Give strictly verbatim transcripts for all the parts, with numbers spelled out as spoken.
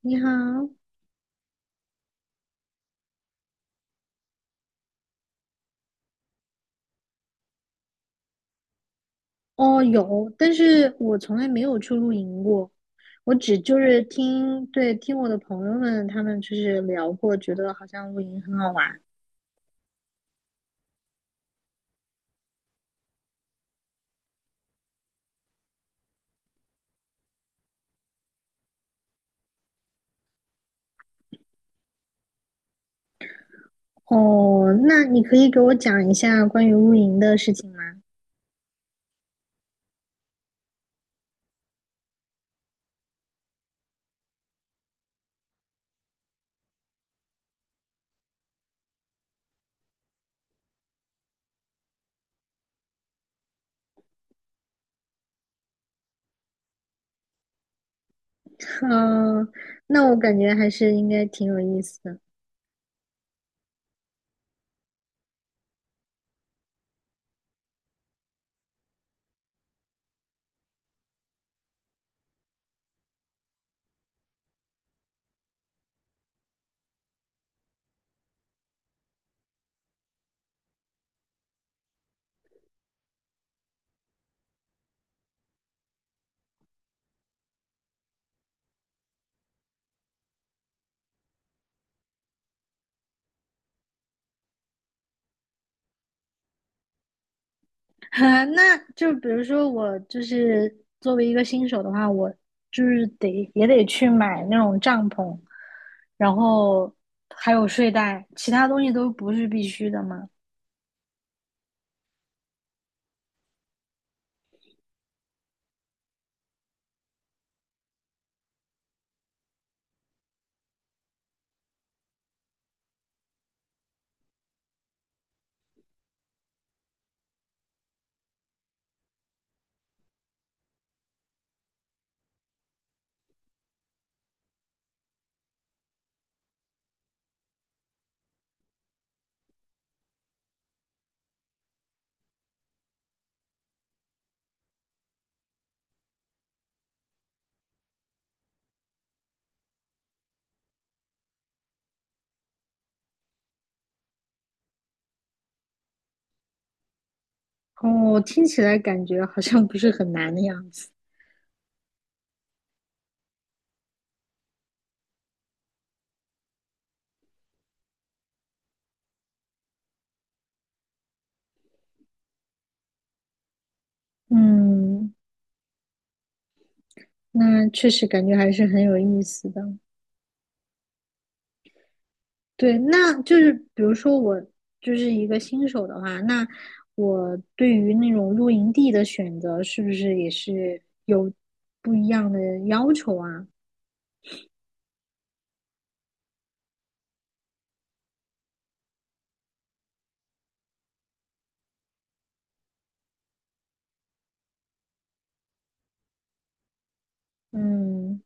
你好。哦，有，但是我从来没有去露营过，我只就是听，对，听我的朋友们他们就是聊过，觉得好像露营很好玩。哦，那你可以给我讲一下关于露营的事情吗？嗯、那我感觉还是应该挺有意思的。那就比如说我就是作为一个新手的话，我就是得也得去买那种帐篷，然后还有睡袋，其他东西都不是必须的嘛。哦，听起来感觉好像不是很难的样子。嗯，那确实感觉还是很有意思的。对，那就是比如说我就是一个新手的话，那我对于那种露营地的选择，是不是也是有不一样的要求啊？嗯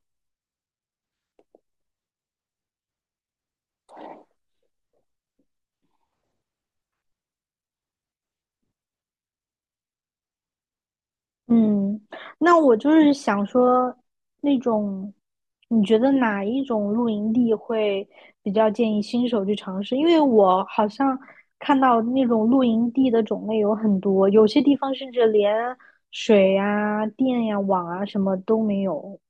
嗯，那我就是想说，那种你觉得哪一种露营地会比较建议新手去尝试？因为我好像看到那种露营地的种类有很多，有些地方甚至连水呀、电呀、网啊什么都没有。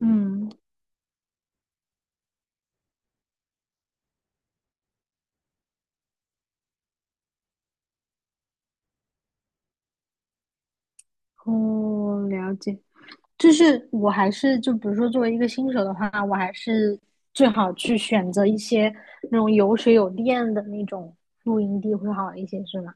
嗯。哦，了解。就是我还是就比如说作为一个新手的话，我还是最好去选择一些那种有水有电的那种露营地会好一些，是吗？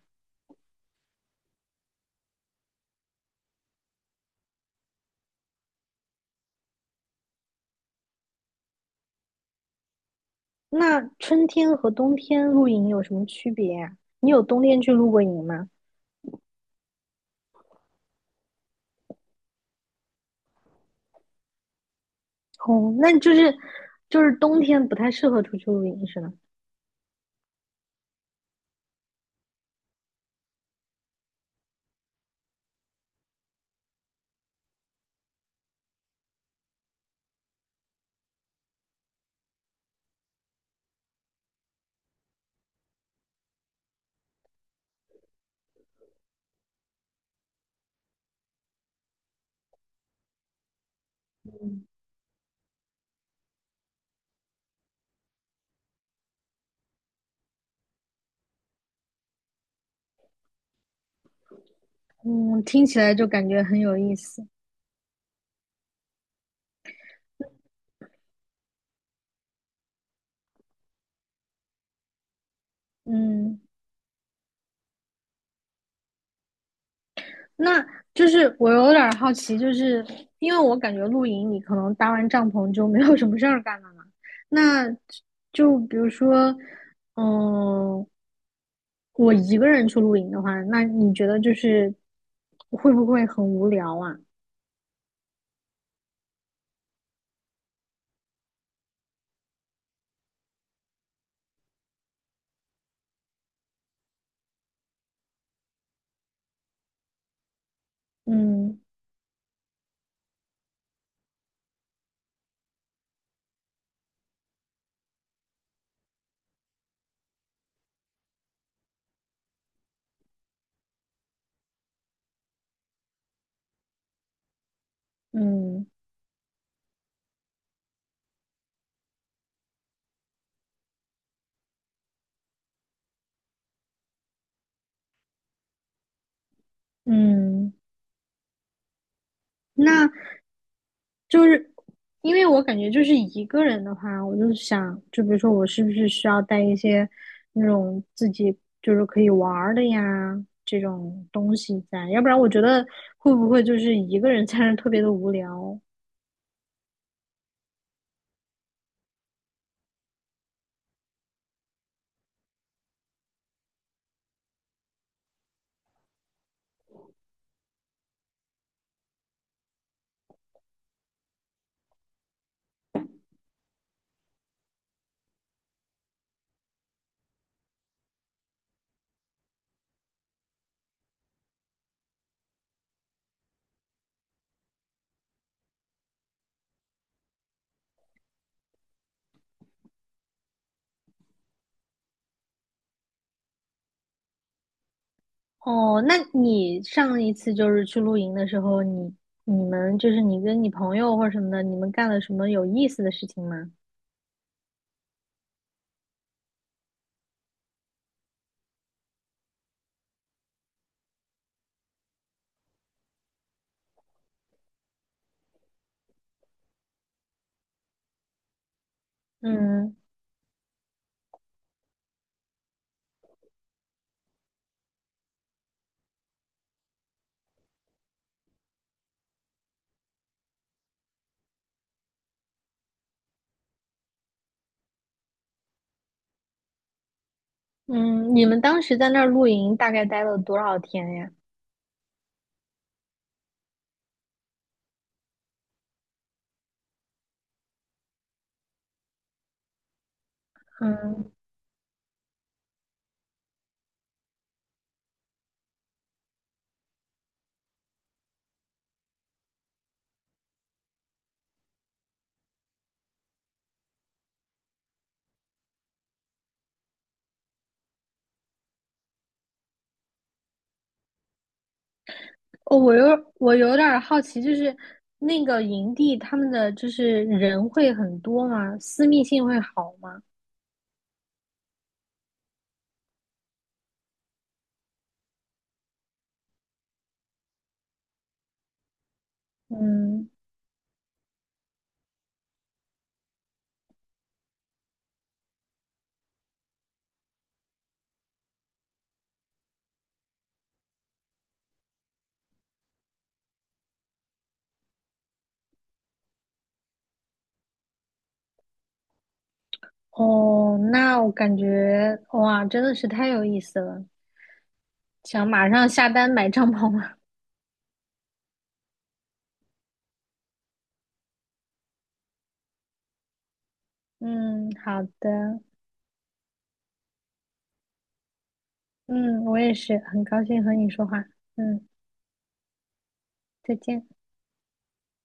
那春天和冬天露营有什么区别呀？你有冬天去露过营吗？哦，那就是就是冬天不太适合出去露营，是吗？嗯，听起来就感觉很有意思。嗯。那就是我有点好奇，就是因为我感觉露营你可能搭完帐篷就没有什么事儿干了嘛。那就比如说，嗯，我一个人去露营的话，那你觉得就是会不会很无聊啊？嗯嗯嗯。那就是因为我感觉就是一个人的话，我就想，就比如说我是不是需要带一些那种自己就是可以玩儿的呀这种东西在，要不然我觉得会不会就是一个人 在那儿特别的无聊。哦，那你上一次就是去露营的时候，你你们就是你跟你朋友或者什么的，你们干了什么有意思的事情吗？嗯。嗯，你们当时在那儿露营大概待了多少天呀？嗯。哦，我有我有点儿好奇，就是那个营地他们的就是人会很多吗？私密性会好吗？嗯。哦，那我感觉哇，真的是太有意思了，想马上下单买帐篷了。嗯，好的。嗯，我也是很高兴和你说话。嗯，再见。